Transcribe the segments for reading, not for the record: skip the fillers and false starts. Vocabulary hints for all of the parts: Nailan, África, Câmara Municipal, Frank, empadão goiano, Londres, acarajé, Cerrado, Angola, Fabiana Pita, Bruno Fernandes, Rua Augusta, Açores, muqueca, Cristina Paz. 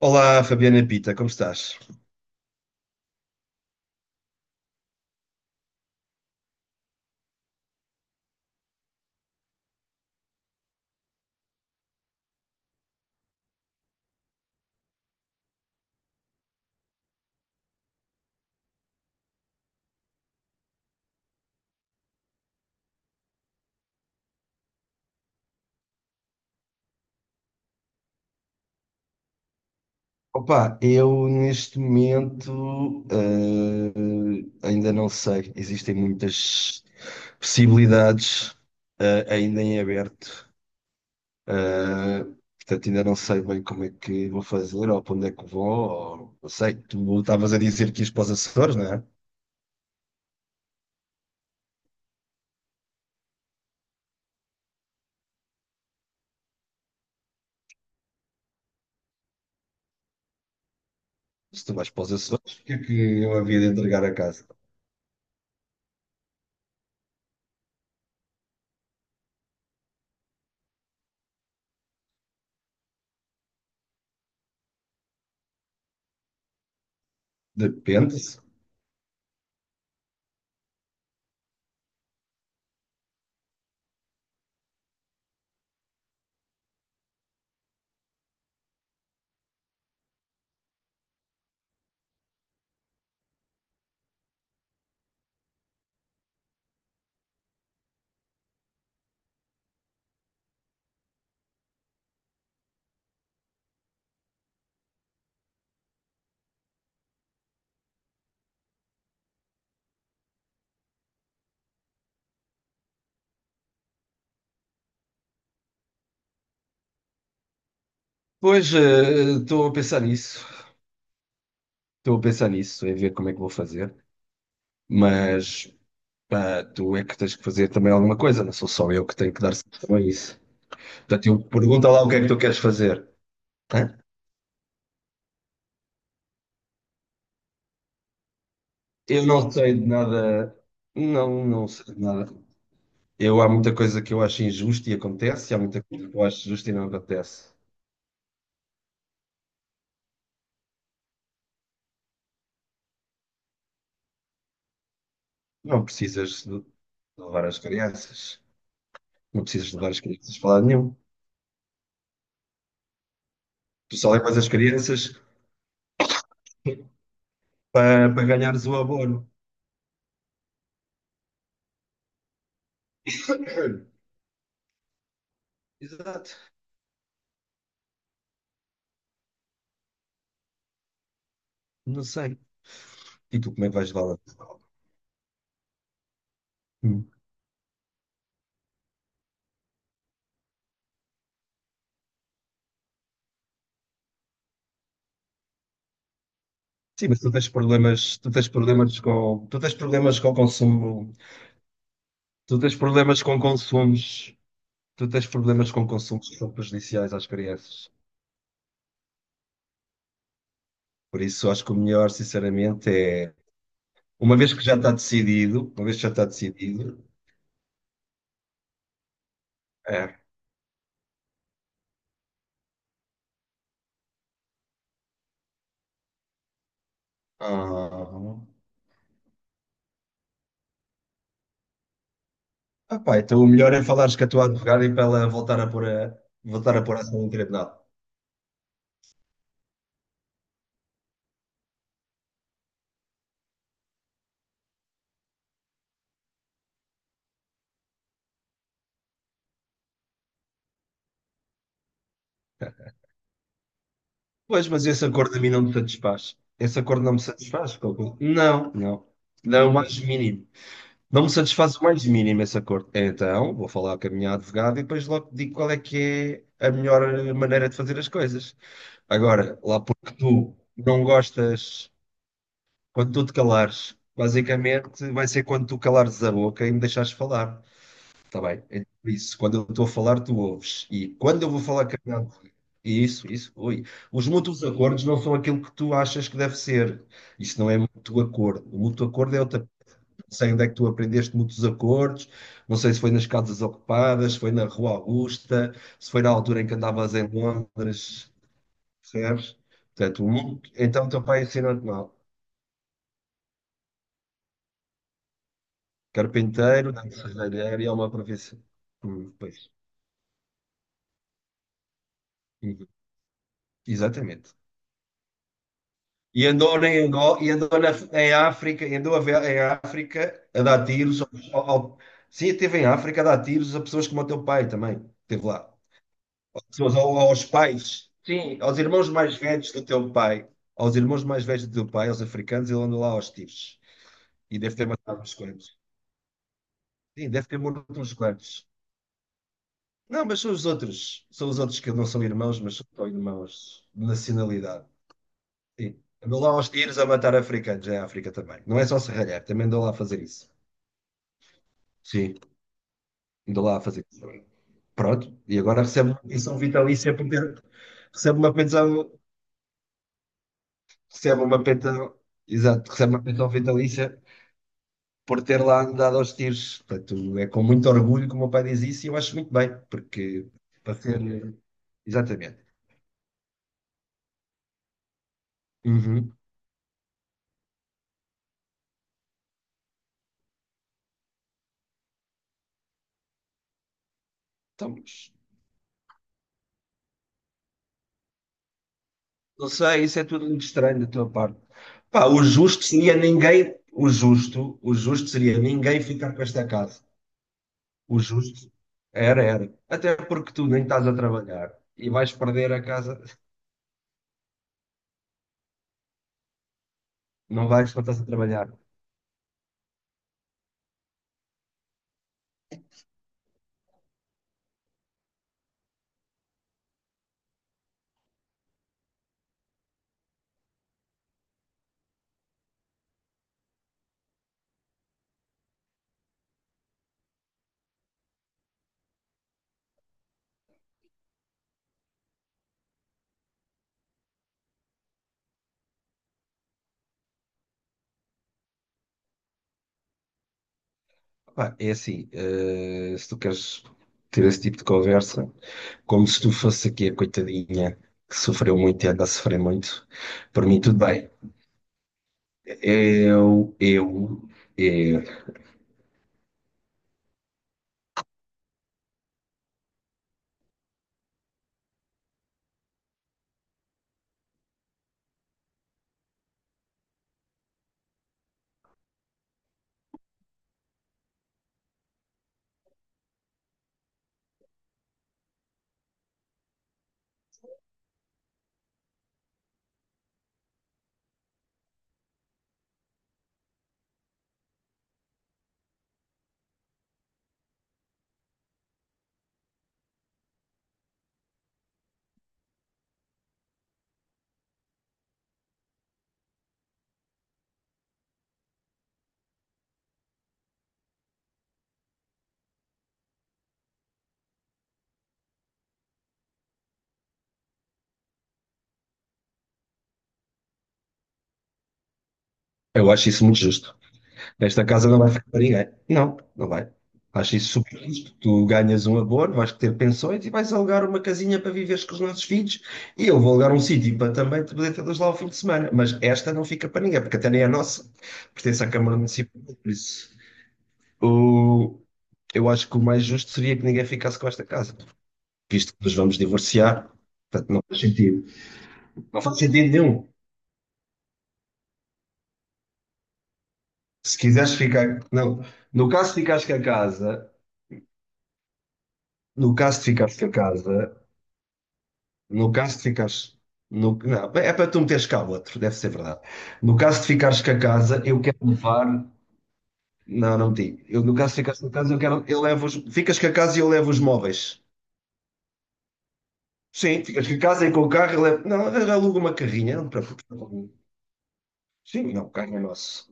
Olá, Fabiana Pita, como estás? Opa, eu neste momento ainda não sei. Existem muitas possibilidades ainda em aberto. Eh, Portanto, ainda não sei bem como é que vou fazer ou para onde é que vou. Ou, não sei, tu estavas a dizer que ias para os Açores, não é? Se tu vais para os Açores, o que é que eu havia de entregar a casa? Depende. Pois, estou a pensar nisso. Estou a pensar nisso, em ver como é que vou fazer. Mas. Pá, tu é que tens que fazer também alguma coisa, não sou só eu que tenho que dar solução a isso. Portanto, eu pergunta lá o que é que tu queres fazer. Hã? Eu não sei de nada, não sei de nada. Eu, há muita coisa que eu acho injusta e acontece, e há muita coisa que eu acho justa e não acontece. Não precisas de levar as crianças, não precisas de levar as crianças para lado nenhum. Tu só levas as crianças para ganhares o abono. Exato, não sei. E tu como é que vais levar? Sim, mas tu tens problemas, tu tens problemas com o consumo, tu tens problemas com consumos, tu tens problemas com consumos que são prejudiciais às crianças. Por isso, acho que o melhor, sinceramente, é, uma vez que já está decidido, uma vez que já está decidido, é, ah, pá, então o melhor é falares com a tua advogada e para ela voltar a pôr voltar a pôr a ação em tribunal. Pois, mas esse acordo a mim não me satisfaz. Esse acordo não me satisfaz. Coco. Não, não. Não, o mais mínimo. Não me satisfaz o mais mínimo esse acordo. Então, vou falar com a minha advogada e depois logo te digo qual é que é a melhor maneira de fazer as coisas. Agora, lá porque tu não gostas, quando tu te calares, basicamente vai ser quando tu calares a boca e me deixares falar. Está bem? É por isso, quando eu estou a falar, tu ouves. E quando eu vou falar com a minha advogada. Isso, ui. Os mútuos acordos não são aquilo que tu achas que deve ser. Isso não é mútuo acordo. O mútuo acordo é outra, não sei onde é que tu aprendeste muitos acordes, não sei se foi nas casas ocupadas, se foi na Rua Augusta, se foi na altura em que andavas em Londres, percebes? Portanto, então o teu pai ensinou-te mal. Carpinteiro, dante serralheiro e é uma profissão. Pois. Uhum, exatamente. E andou em Angola, em África, em África a dar tiros. Ao, ao- sim, esteve em África a dar tiros a pessoas como o teu pai também. Esteve lá. Pessoas, ou aos pais, sim, aos irmãos mais velhos do teu pai, aos irmãos mais velhos do teu pai, aos africanos, ele andou lá aos tiros. E deve ter matado uns quantos. Sim, deve ter morto uns quantos. Não, mas são os outros. São os outros que não são irmãos, mas são irmãos de nacionalidade. Sim. Andou lá aos tiros a matar africanos, é a África também. Não é só serralhar, também andou lá a fazer isso. Sim, andou lá a fazer isso também. Pronto, e agora recebe uma pensão vitalícia por ter. Recebe uma pensão recebe uma pena, exato, recebe uma pensão vitalícia por ter lá andado aos tiros. Portanto, é com muito orgulho que o meu pai diz isso e eu acho muito bem, porque para ser. Exatamente. Uhum. Então, mas não sei, isso é tudo muito estranho da tua parte. Pá, o justo seria ninguém. O justo seria ninguém ficar com esta casa. O justo era, era. Até porque tu nem estás a trabalhar e vais perder a casa, não vais, não estás a trabalhar. Pá, é assim, se tu queres ter esse tipo de conversa, como se tu fosse aqui a coitadinha que sofreu muito e anda a sofrer muito, por mim tudo bem. Eu, eu, eu, eu acho isso muito justo. Esta casa não vai ficar para ninguém. Não, não vai. Acho isso super justo. Tu ganhas um abono, vais ter pensões e vais alugar uma casinha para viveres com os nossos filhos e eu vou alugar um sítio para também te poder ter lá ao fim de semana. Mas esta não fica para ninguém, porque até nem é nossa. Pertence à Câmara Municipal, por isso. O, eu acho que o mais justo seria que ninguém ficasse com esta casa, visto que nos vamos divorciar. Portanto, não faz sentido. Não faz sentido nenhum. Se quiseres ficar. Não. No caso de ficares com a casa, no caso de ficares com a casa, no caso de ficares. No, não, é para tu meteres cá outro, deve ser verdade. No caso de ficares com a casa, eu quero levar. Não, não digo. Eu, no caso de ficares com a casa, eu quero. Eu levo os, ficas com a casa e eu levo os móveis. Sim, ficas com a casa e com o carro. Eu levo, não, aluga uma carrinha. Não te preocupes. Sim, não, o carro é nosso.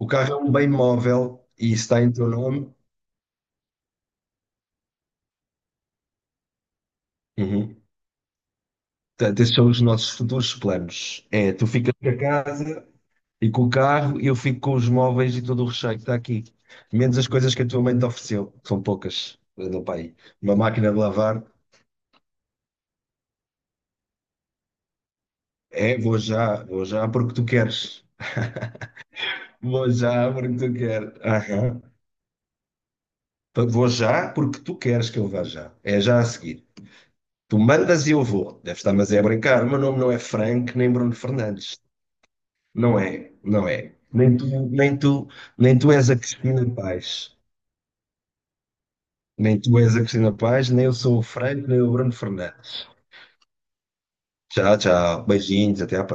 O carro é um bem móvel e está em teu nome. Uhum. Portanto, esses são os nossos futuros planos. É, tu ficas com a casa e com o carro, e eu fico com os móveis e todo o recheio que está aqui. Menos as coisas que a tua mãe te ofereceu, que são poucas. Andam para aí. Uma máquina de lavar, é, vou já porque tu queres. Vou já porque tu queres. Aham. Vou já porque tu queres que eu vá já. É já a seguir. Tu mandas e eu vou. Deve estar, mas é a brincar. O meu nome não é Frank nem Bruno Fernandes. Não é, não é. Nem tu és a Cristina Paz. Nem tu és a Cristina Paz, nem eu sou o Frank, nem o Bruno Fernandes. Tchau, tchau. Beijinhos, até à próxima.